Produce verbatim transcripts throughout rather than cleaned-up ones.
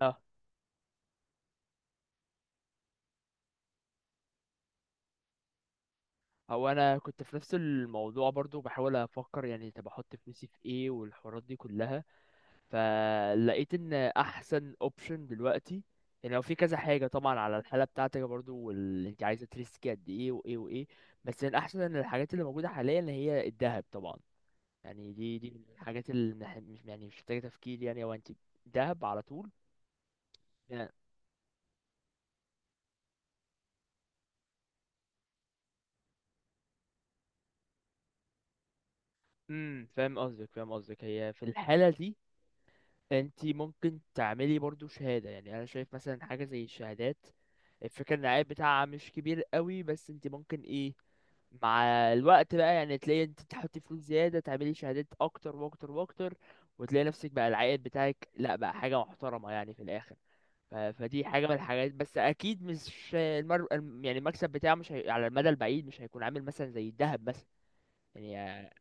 اه، هو انا كنت في نفس الموضوع برضو بحاول افكر. يعني طب احط فلوسي في ايه والحوارات دي كلها؟ فلقيت ان احسن اوبشن دلوقتي، يعني هو في كذا حاجه طبعا على الحاله بتاعتك برضو، واللي انت عايزه تريسكي قد ايه وايه وايه. بس من احسن الحاجات اللي موجوده حاليا اللي هي الذهب طبعا. يعني دي دي من الحاجات اللي مح- مش يعني مش محتاجه تفكير. يعني هو انت ذهب على طول يعني. امم فاهم قصدك فاهم قصدك. هي في الحاله دي انت ممكن تعملي برضو شهادة. يعني انا شايف مثلا حاجة زي الشهادات. الفكرة ان العائد بتاعها مش كبير قوي، بس انت ممكن ايه مع الوقت بقى، يعني تلاقي انت تحطي فلوس زيادة تعملي شهادات اكتر واكتر واكتر، وتلاقي نفسك بقى العائد بتاعك لا بقى حاجة محترمة يعني في الاخر. ف... فدي حاجة من الحاجات، بس اكيد مش المر... الم- يعني المكسب بتاعه مش هي... على المدى البعيد مش هيكون عامل مثلا زي الذهب مثلا. يعني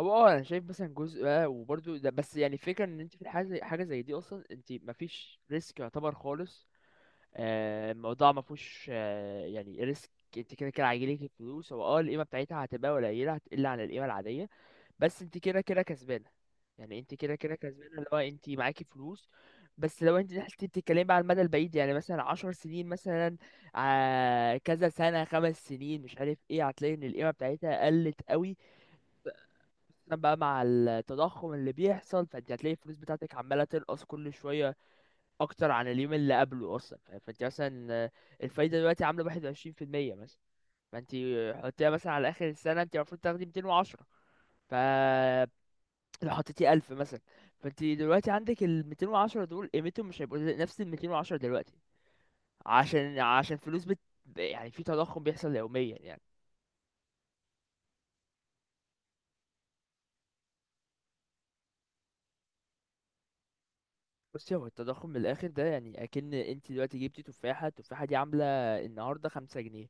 هو اه انا شايف مثلا جزء اه وبرضو ده، بس يعني الفكره ان انت في الحاجه زي حاجه زي دي اصلا انت مفيش ريسك يعتبر خالص. آه، الموضوع ما فيهوش آه، يعني ريسك. انت كده كده هيجيلك الفلوس، هو اه القيمه بتاعتها هتبقى قليله هتقل عن القيمه العاديه، بس انت كده كده كسبانه. يعني انت كده كده كسبانه، اللي هو انت معاكي فلوس. بس لو انت حسيتي بتتكلمي بقى على المدى البعيد، يعني مثلا عشر سنين مثلا، آه، كذا سنه، خمس سنين، مش عارف ايه، هتلاقي ان القيمه بتاعتها قلت قوي. عشان بقى مع التضخم اللي بيحصل، فانت هتلاقي الفلوس بتاعتك عمالة تنقص كل شوية أكتر عن اليوم اللي قبله أصلا. ف- فانت مثلا آه، الفايدة دلوقتي عاملة واحد وعشرين في المية مثلا. فانت حطيها مثلا على آخر السنة، انت المفروض تاخدي ميتين وعشرة. ف لو حطيتي ألف مثلا، فانت دلوقتي عندك الميتين وعشرة دول قيمتهم مش هيبقوا زي- نفس الميتين وعشرة دلوقتي. عشان عشان فلوس بت... يعني في تضخم بيحصل يوميا يعني. بصي، هو التضخم من الاخر ده، يعني اكن انت دلوقتي جبتي تفاحه، التفاحه دي عامله النهارده خمسة جنيه،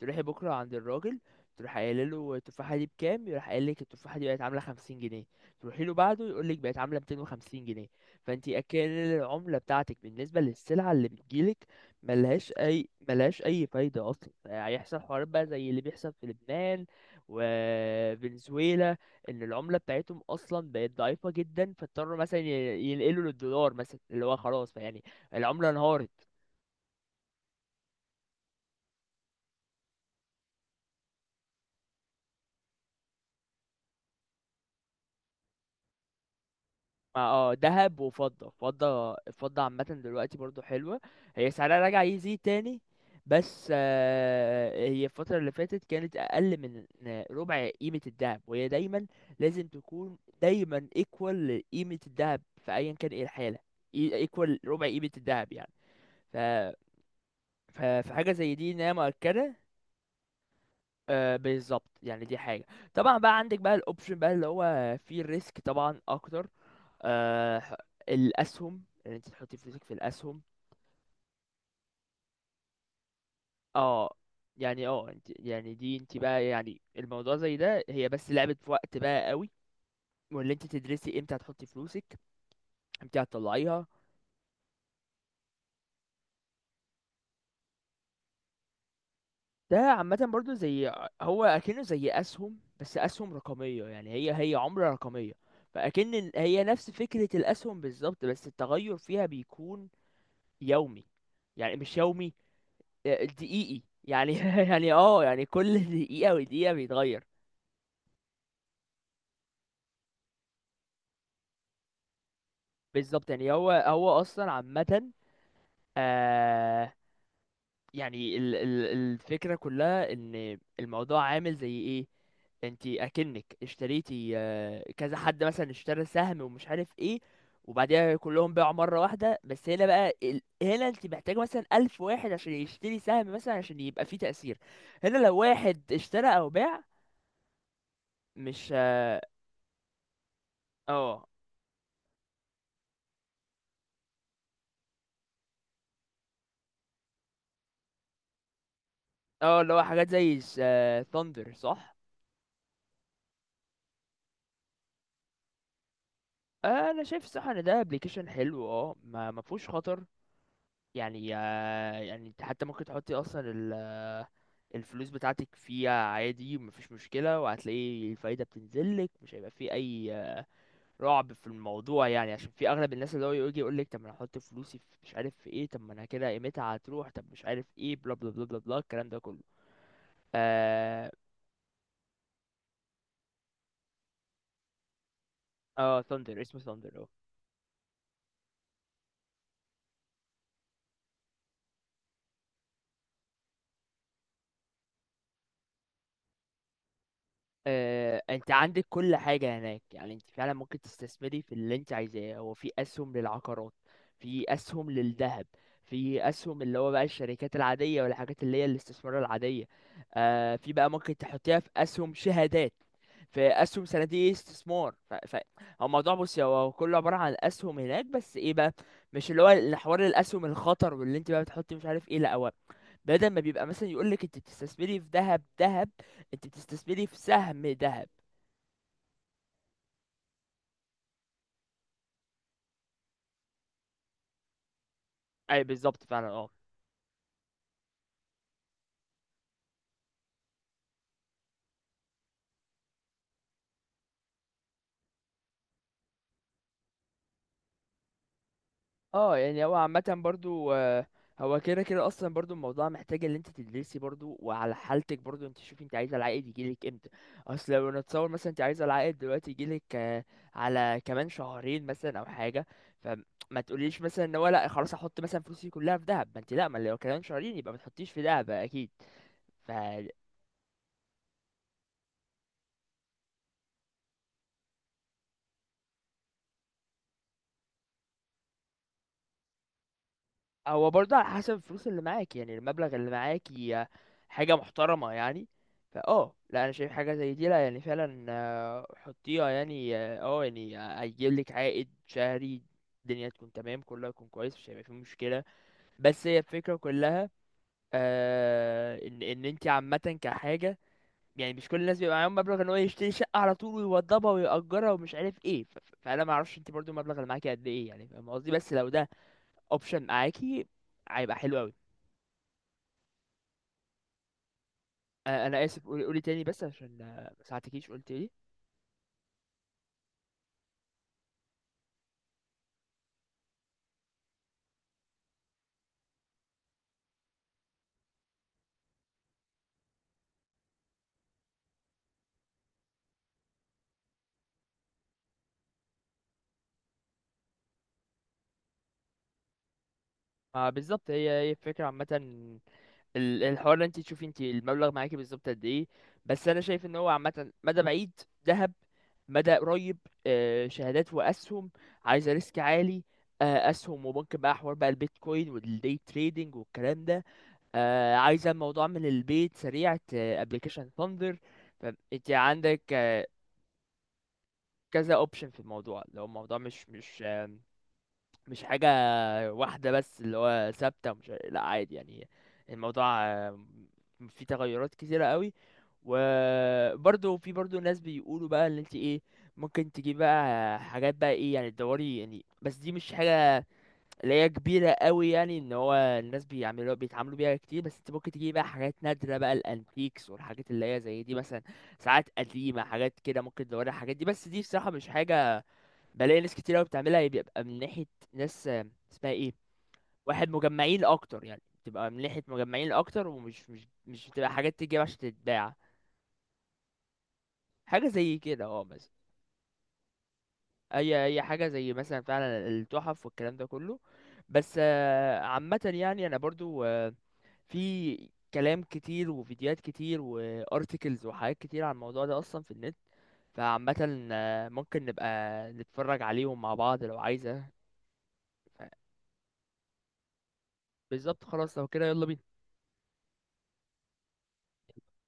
تروحي بكره عند الراجل تروح قايله له التفاحه دي بكام، يروح قايل لك التفاحه دي بقت عامله خمسين جنيه، تروحي له بعده يقول لك بقت عامله ميتين وخمسين جنيه. فانت اكن العمله بتاعتك بالنسبه للسلعه اللي بتجيلك ملهاش اي ملهاش اي فايده اصلا. هيحصل حوارات بقى زي اللي بيحصل في لبنان وفنزويلا، ان العمله بتاعتهم اصلا بقت ضعيفه جدا، فاضطروا مثلا ي- ينقلوا للدولار مثلا، اللي هو خلاص يعني العمله انهارت. مع اه ذهب وفضه، فضه الفضه عامه دلوقتي برضو حلوه، هي سعرها رجع يزيد تاني. بس آه، هي الفتره اللي فاتت كانت اقل من ربع قيمه الذهب، وهي دايما لازم تكون دايما ايكوال لقيمه الذهب في ايا كان ايه الحاله. ايكوال ربع قيمه الذهب يعني. ف ف- فحاجه زي دي ان هي مؤكده. آه بالظبط، يعني دي حاجة. طبعا بقى عندك بقى الاوبشن بقى اللي هو فيه الريسك طبعا اكتر، آه ح- الاسهم، ان انت تحطي فلوسك في الاسهم. اه يعني اه انت يعني دي انت بقى يعني الموضوع زي ده، هي بس لعبة في وقت بقى قوي، واللي انت تدرسي امتى هتحطي فلوسك امتى هتطلعيها. ده عامة برضو زي ع- هو اكنه زي اسهم، بس اسهم رقمية. يعني هي هي عملة رقمية. فاكن ال- هي نفس فكرة الاسهم بالظبط، بس التغير فيها بيكون يومي. يعني مش يومي، آه، دقيقي يعني يعني اه يعني كل دقيقة ودقيقة بيتغير. بالظبط، يعني هو هو اصلا عامة، آه يعني ال ال الفكرة كلها ان الموضوع عامل زي ايه، انتي اكنك اشتريتي آه، كذا حد مثلا اشترى سهم ومش عارف ايه وبعدها كلهم باعوا مرة واحدة. بس هنا بقى ال... هنا انت محتاج مثلا ألف واحد عشان يشتري سهم مثلا عشان يبقى فيه تأثير. هنا لو واحد اشترى أو باع مش... اه اه، اللي هو حاجات زي ثاندر صح. آه، انا شايف الصراحه ان ده ابلكيشن حلو، اه ما ما فيهوش خطر. يعني آه، يعني انت حتى ممكن تحطي اصلا ال- الفلوس بتاعتك فيها عادي مفيش مشكله، وهتلاقي الفايده بتنزلك مش هيبقى فيه اي آه، رعب في الموضوع. يعني عشان في اغلب الناس اللي هو يجي يقول لك طب ما انا هحط فلوسي في مش عارف في ايه، طب ما انا كده قيمتها هتروح، طب مش عارف ايه، بلا بلا بلا بلا بلا الكلام ده كله. اه، ثاندر، اسمه ثاندر. آه، انت عندك كل حاجة هناك. يعني انت فعلا ممكن تستثمري في اللي انت عايزاه. هو في اسهم للعقارات، في اسهم للذهب، في اسهم اللي هو بقى الشركات العادية والحاجات اللي هي الاستثمار العادية. آه في بقى ممكن تحطيها في اسهم شهادات، في اسهم صناديق استثمار. ف... ف... هو الموضوع، بصي، هو كله عبارة عن اسهم هناك، بس ايه بقى، مش اللي هو حوار الاسهم الخطر واللي انت بقى بتحطي مش عارف ايه. لا، هو بدل ما بيبقى مثلا يقول لك انت بتستثمري في ذهب ذهب، انت بتستثمري في سهم ذهب. اي بالظبط فعلا. اه اه، يعني هو عامة برضو، آه، هو كده كده اصلا برضو الموضوع محتاج ان انت تدرسي برضو، وعلى حالتك برضو انت شوفي انت عايزه العائد يجيلك امتى. اصل لو نتصور مثلا انت عايزه العائد دلوقتي يجيلك آه، على كمان شهرين مثلا او حاجه، فما تقوليش مثلا ان هو لا خلاص احط مثلا فلوسي كلها في دهب. ما انت لا، ما لو كمان شهرين يبقى ما تحطيش في دهب اكيد. هو برضه على حسب الفلوس اللي معاك، يعني المبلغ اللي معاك هي حاجة محترمة يعني. فاه لا، انا شايف حاجة زي دي، لا يعني فعلا آه، حطيها، يعني اه آه، يعني هيجيب لك عائد شهري، الدنيا تكون تمام كلها تكون كويس، مش هيبقى فيه مشكلة. بس هي الفكرة كلها، آه ان ان انت عامة كحاجة، يعني مش كل الناس بيبقى معاهم مبلغ ان هو يشتري شقة على طول ويوضبها ويأجرها ومش عارف ايه. ف- ف- فانا ما اعرفش انت برضو المبلغ اللي معاكي قد ايه، يعني فاهم قصدي، بس لو ده اوبشن معاكي هيبقى حلو قوي. آه، انا اسف، قولي قولي تاني بس عشان آه، ما ساعدتكيش. قلت ايه؟ ما بالظبط هي هي الفكره عامه. ال- الحوار اللي انت تشوفي انت المبلغ معاكي بالظبط قد ايه. بس انا شايف ان هو عامه: مدى بعيد، ذهب؛ مدى قريب، آه، شهادات واسهم؛ عايزه ريسك عالي، آه، اسهم وممكن بقى حوار بقى البيتكوين والدي تريدينج والكلام ده؛ آه، عايزه الموضوع من البيت سريع، ابلكيشن ثاندر. فانت عندك آه، كذا اوبشن في الموضوع. لو الموضوع مش مش مش حاجة واحدة بس اللي هو ثابتة، مش، لا عادي، يعني الموضوع آه، فيه تغيرات كتيرة قوي. وبرضه في برضه ناس بيقولوا بقى ان انت ايه ممكن تجيب بقى حاجات بقى ايه، يعني تدوري يعني، بس دي مش حاجة اللي هي كبيرة قوي. يعني ان هو الناس بيعملوا بيتعاملوا بيها كتير، بس انت ممكن تجيب بقى حاجات نادرة، بقى الانتيكس والحاجات اللي هي زي دي، مثلا ساعات قديمة حاجات كده. ممكن تدوري على الحاجات دي، بس دي بصراحة مش حاجة بلاقي ناس كتير قوي بتعملها. هي بيبقى من ناحية ناس آه، اسمها ايه، واحد مجمعين اكتر. يعني بتبقى من ناحية مجمعين اكتر، ومش مش مش بتبقى حاجات تجيب عشان تتباع. حاجة زي كده اه مثلا. اي اي حاجة زي مثلا فعلا التحف والكلام ده كله. بس آه، عامة يعني انا برضو آه، في كلام كتير وفيديوهات كتير وارتكلز وحاجات كتير عن الموضوع ده اصلا في النت، فعامة آه، ممكن نبقى نتفرج عليهم مع بعض لو عايزة. ف- بالظبط، خلاص، لو كده يلا بينا.